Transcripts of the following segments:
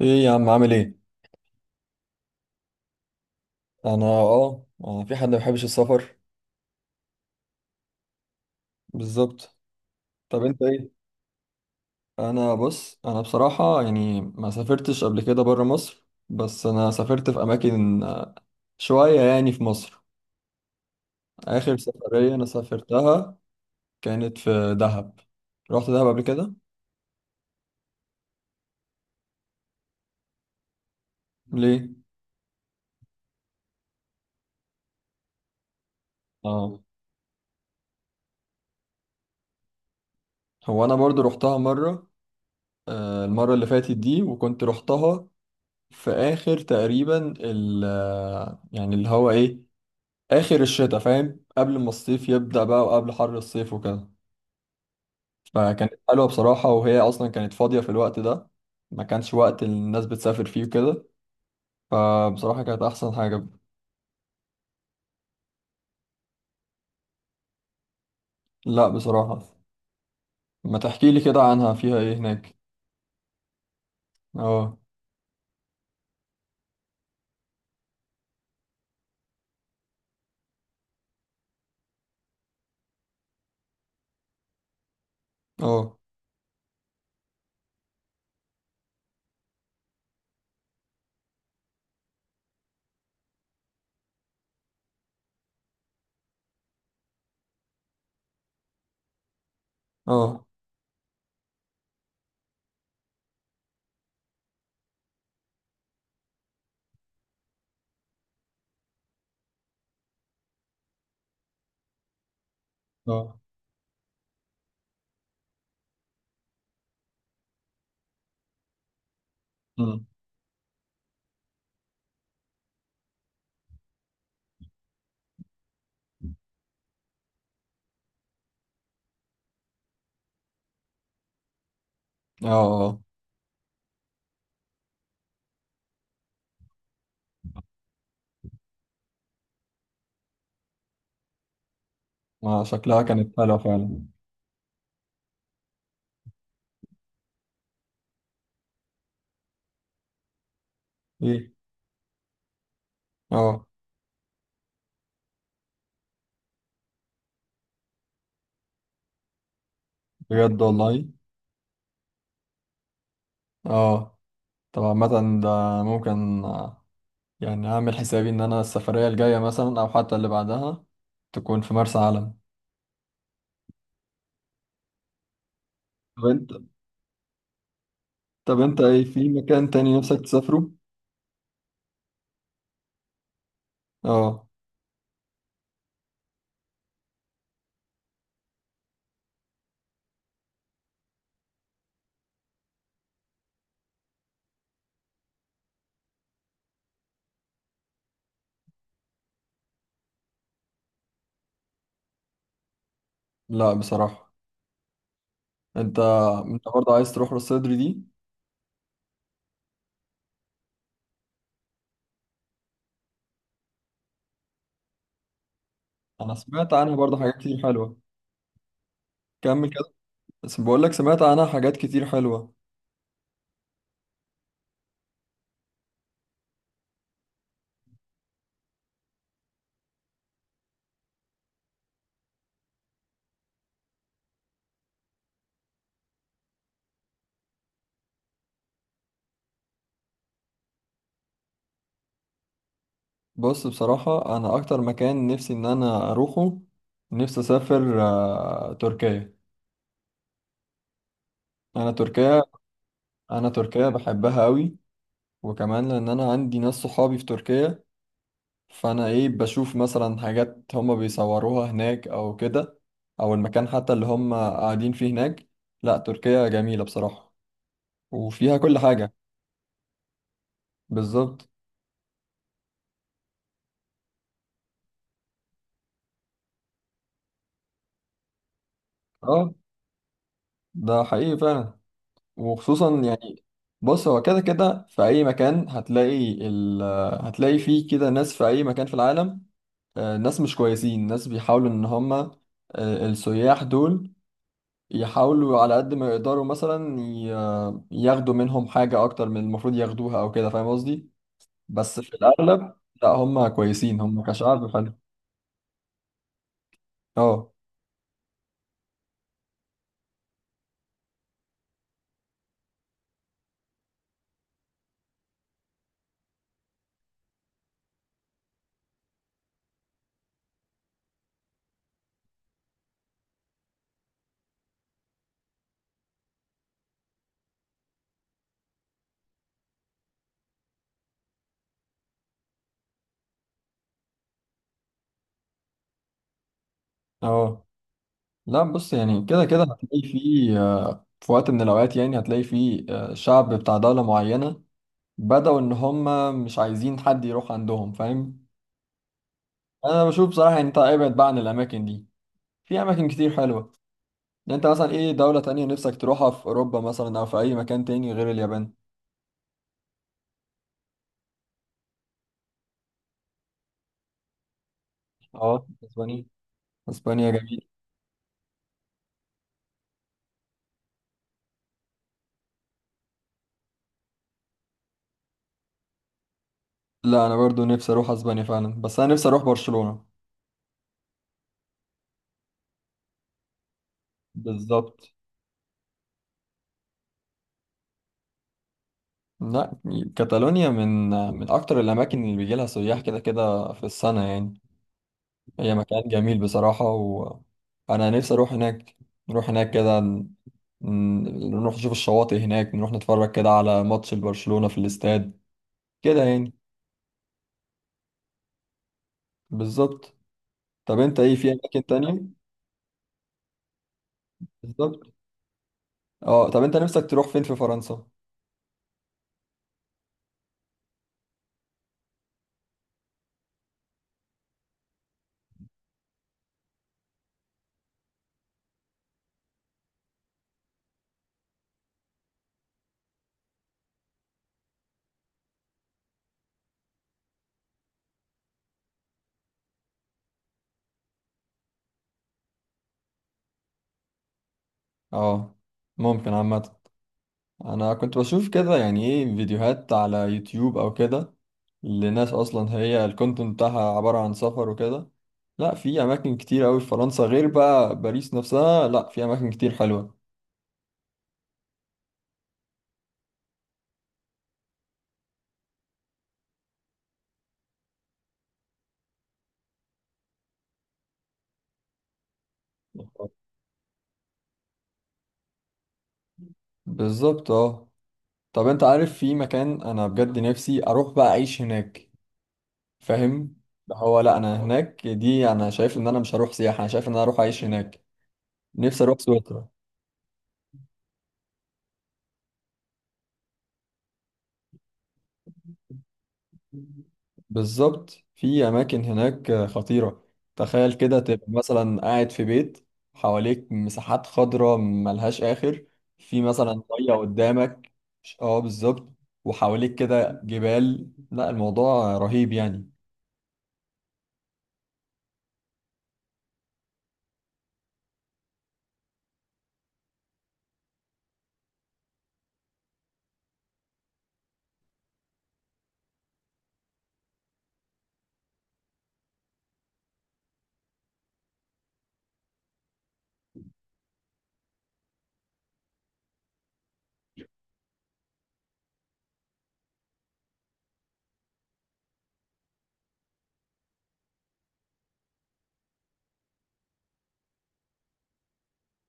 ايه يا عم، عامل ايه؟ انا، في حد ما بيحبش السفر؟ بالظبط. طب انت ايه؟ بص انا بصراحه يعني ما سافرتش قبل كده بره مصر، بس انا سافرت في اماكن شويه يعني في مصر. اخر سفريه انا سافرتها كانت في دهب. رحت دهب قبل كده. ليه؟ اه. هو انا برضو رحتها مره. المره اللي فاتت دي وكنت رحتها في اخر تقريبا ال آه، يعني اللي هو ايه، اخر الشتاء، فاهم، قبل ما الصيف يبدأ بقى وقبل حر الصيف وكده. فكانت حلوة بصراحة، وهي اصلا كانت فاضية في الوقت ده. ما كانش وقت الناس بتسافر فيه وكده، فبصراحة كانت احسن حاجة. لا بصراحة، ما تحكي لي كده عنها، فيها ايه هناك؟ اه، اه، اه، اه. أمم. اه، اه، ما شكلها كانت حلوة فعلا. ايه؟ اه، بجد والله؟ اه طبعا، مثلا ده ممكن يعني اعمل حسابي ان انا السفرية الجاية مثلا او حتى اللي بعدها تكون في مرسى علم. طب انت طب انت ايه، في مكان تاني نفسك تسافره؟ اه. لا بصراحة. انت انت برضه عايز تروح راس سدر دي؟ انا سمعت عنها برضه حاجات كتير حلوة. كمل كده. بس بقول لك سمعت عنها حاجات كتير حلوة. بص، بصراحة انا اكتر مكان نفسي ان انا اروحه، نفسي اسافر تركيا. انا تركيا انا تركيا بحبها قوي. وكمان لان انا عندي ناس صحابي في تركيا، فانا ايه بشوف مثلا حاجات هما بيصوروها هناك او كده، او المكان حتى اللي هما قاعدين فيه هناك. لا تركيا جميلة بصراحة، وفيها كل حاجة. بالظبط. اه، ده حقيقي فعلا، وخصوصا يعني، بص هو كده كده في اي مكان هتلاقي هتلاقي فيه كده ناس في اي مكان في العالم. ناس مش كويسين، ناس بيحاولوا ان هما، السياح دول يحاولوا على قد ما يقدروا مثلا ياخدوا منهم حاجة أكتر من المفروض ياخدوها أو كده، فاهم قصدي؟ بس في الأغلب لا هم كويسين، هم كشعب حلو. اه، اه. لا، بص يعني كده كده هتلاقي فيه في وقت من الأوقات يعني هتلاقي فيه شعب بتاع دولة معينة بدأوا إن هم مش عايزين حد يروح عندهم، فاهم؟ أنا بشوف بصراحة، يعني أنت ابعد بقى عن الأماكن دي، في أماكن كتير حلوة. يعني أنت مثلا إيه دولة تانية نفسك تروحها في أوروبا مثلا أو في أي مكان تاني غير اليابان؟ اه اسبانيا. اسبانيا جميل. لا انا برضو نفسي اروح اسبانيا فعلا، بس انا نفسي اروح برشلونة. بالظبط. لا كاتالونيا من اكتر الاماكن اللي بيجي لها سياح كده كده في السنة يعني. هي مكان جميل بصراحة، وانا نفسي اروح هناك، نروح هناك كده، نروح نشوف الشواطئ هناك، نروح نتفرج كده على ماتش البرشلونة في الاستاد كده يعني. بالظبط. طب انت ايه، في اماكن تانية؟ بالظبط. اه، طب انت نفسك تروح فين في فرنسا؟ اه ممكن عامة، انا كنت بشوف كده يعني ايه فيديوهات على يوتيوب او كده، لناس اصلا هي الكونتنت بتاعها عبارة عن سفر وكده. لا، في اماكن كتير قوي في فرنسا غير بقى باريس نفسها، لا في اماكن كتير حلوة. بالظبط. اه، طب انت عارف في مكان انا بجد نفسي اروح بقى اعيش هناك، فاهم؟ ده هو، لا انا هناك دي انا شايف ان انا مش هروح سياحة، انا شايف ان انا اروح اعيش هناك. نفسي اروح سويسرا. بالظبط، في أماكن هناك خطيرة. تخيل كده تبقى مثلا قاعد في بيت، حواليك مساحات خضراء ملهاش آخر، في مثلا مية قدامك. اه بالظبط. وحواليك كده جبال، لا الموضوع رهيب يعني.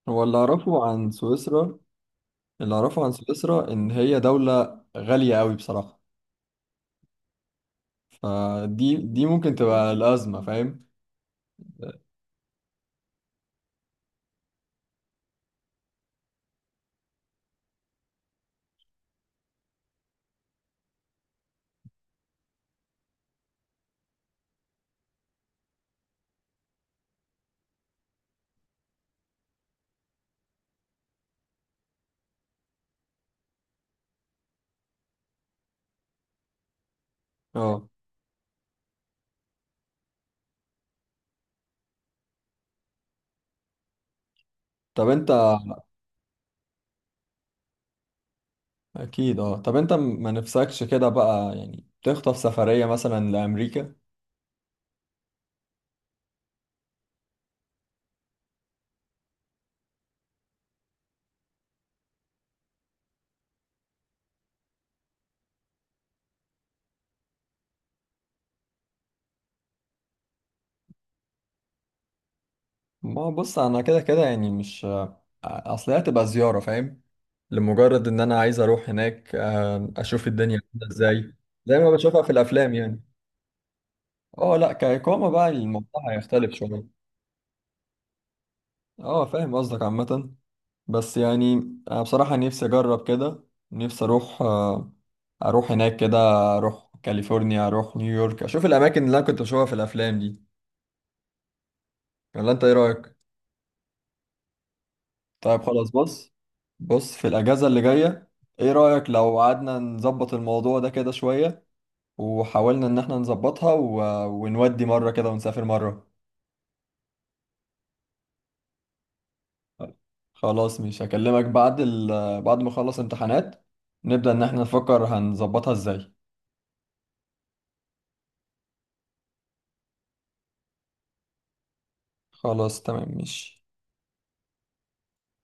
هو اللي أعرفه عن سويسرا إن هي دولة غالية أوي بصراحة. فدي ممكن تبقى الأزمة، فاهم؟ اه. طب أنت. اكيد. اه، طب انت ما نفسكش كده بقى يعني تخطف سفرية مثلا لامريكا؟ ما هو بص انا كده كده يعني مش، اصل هي هتبقى زيارة، فاهم؟ لمجرد ان انا عايز اروح هناك، اشوف الدنيا عاملة ازاي، زي ما بشوفها في الافلام يعني. اه لا، كإقامة بقى الموضوع هيختلف شوية. اه فاهم قصدك عامة، بس يعني انا بصراحة نفسي اجرب كده. نفسي اروح هناك كده، اروح كاليفورنيا، اروح نيويورك، اشوف الاماكن اللي انا كنت بشوفها في الافلام دي، ولا انت ايه رأيك؟ طيب خلاص. بص في الأجازة اللي جاية، ايه رأيك لو قعدنا نظبط الموضوع ده كده شوية، وحاولنا ان احنا نظبطها، ونودي مرة كده ونسافر مرة. خلاص مش هكلمك بعد بعد ما اخلص امتحانات، نبدأ ان احنا نفكر هنظبطها ازاي. خلاص، تمام، ماشي.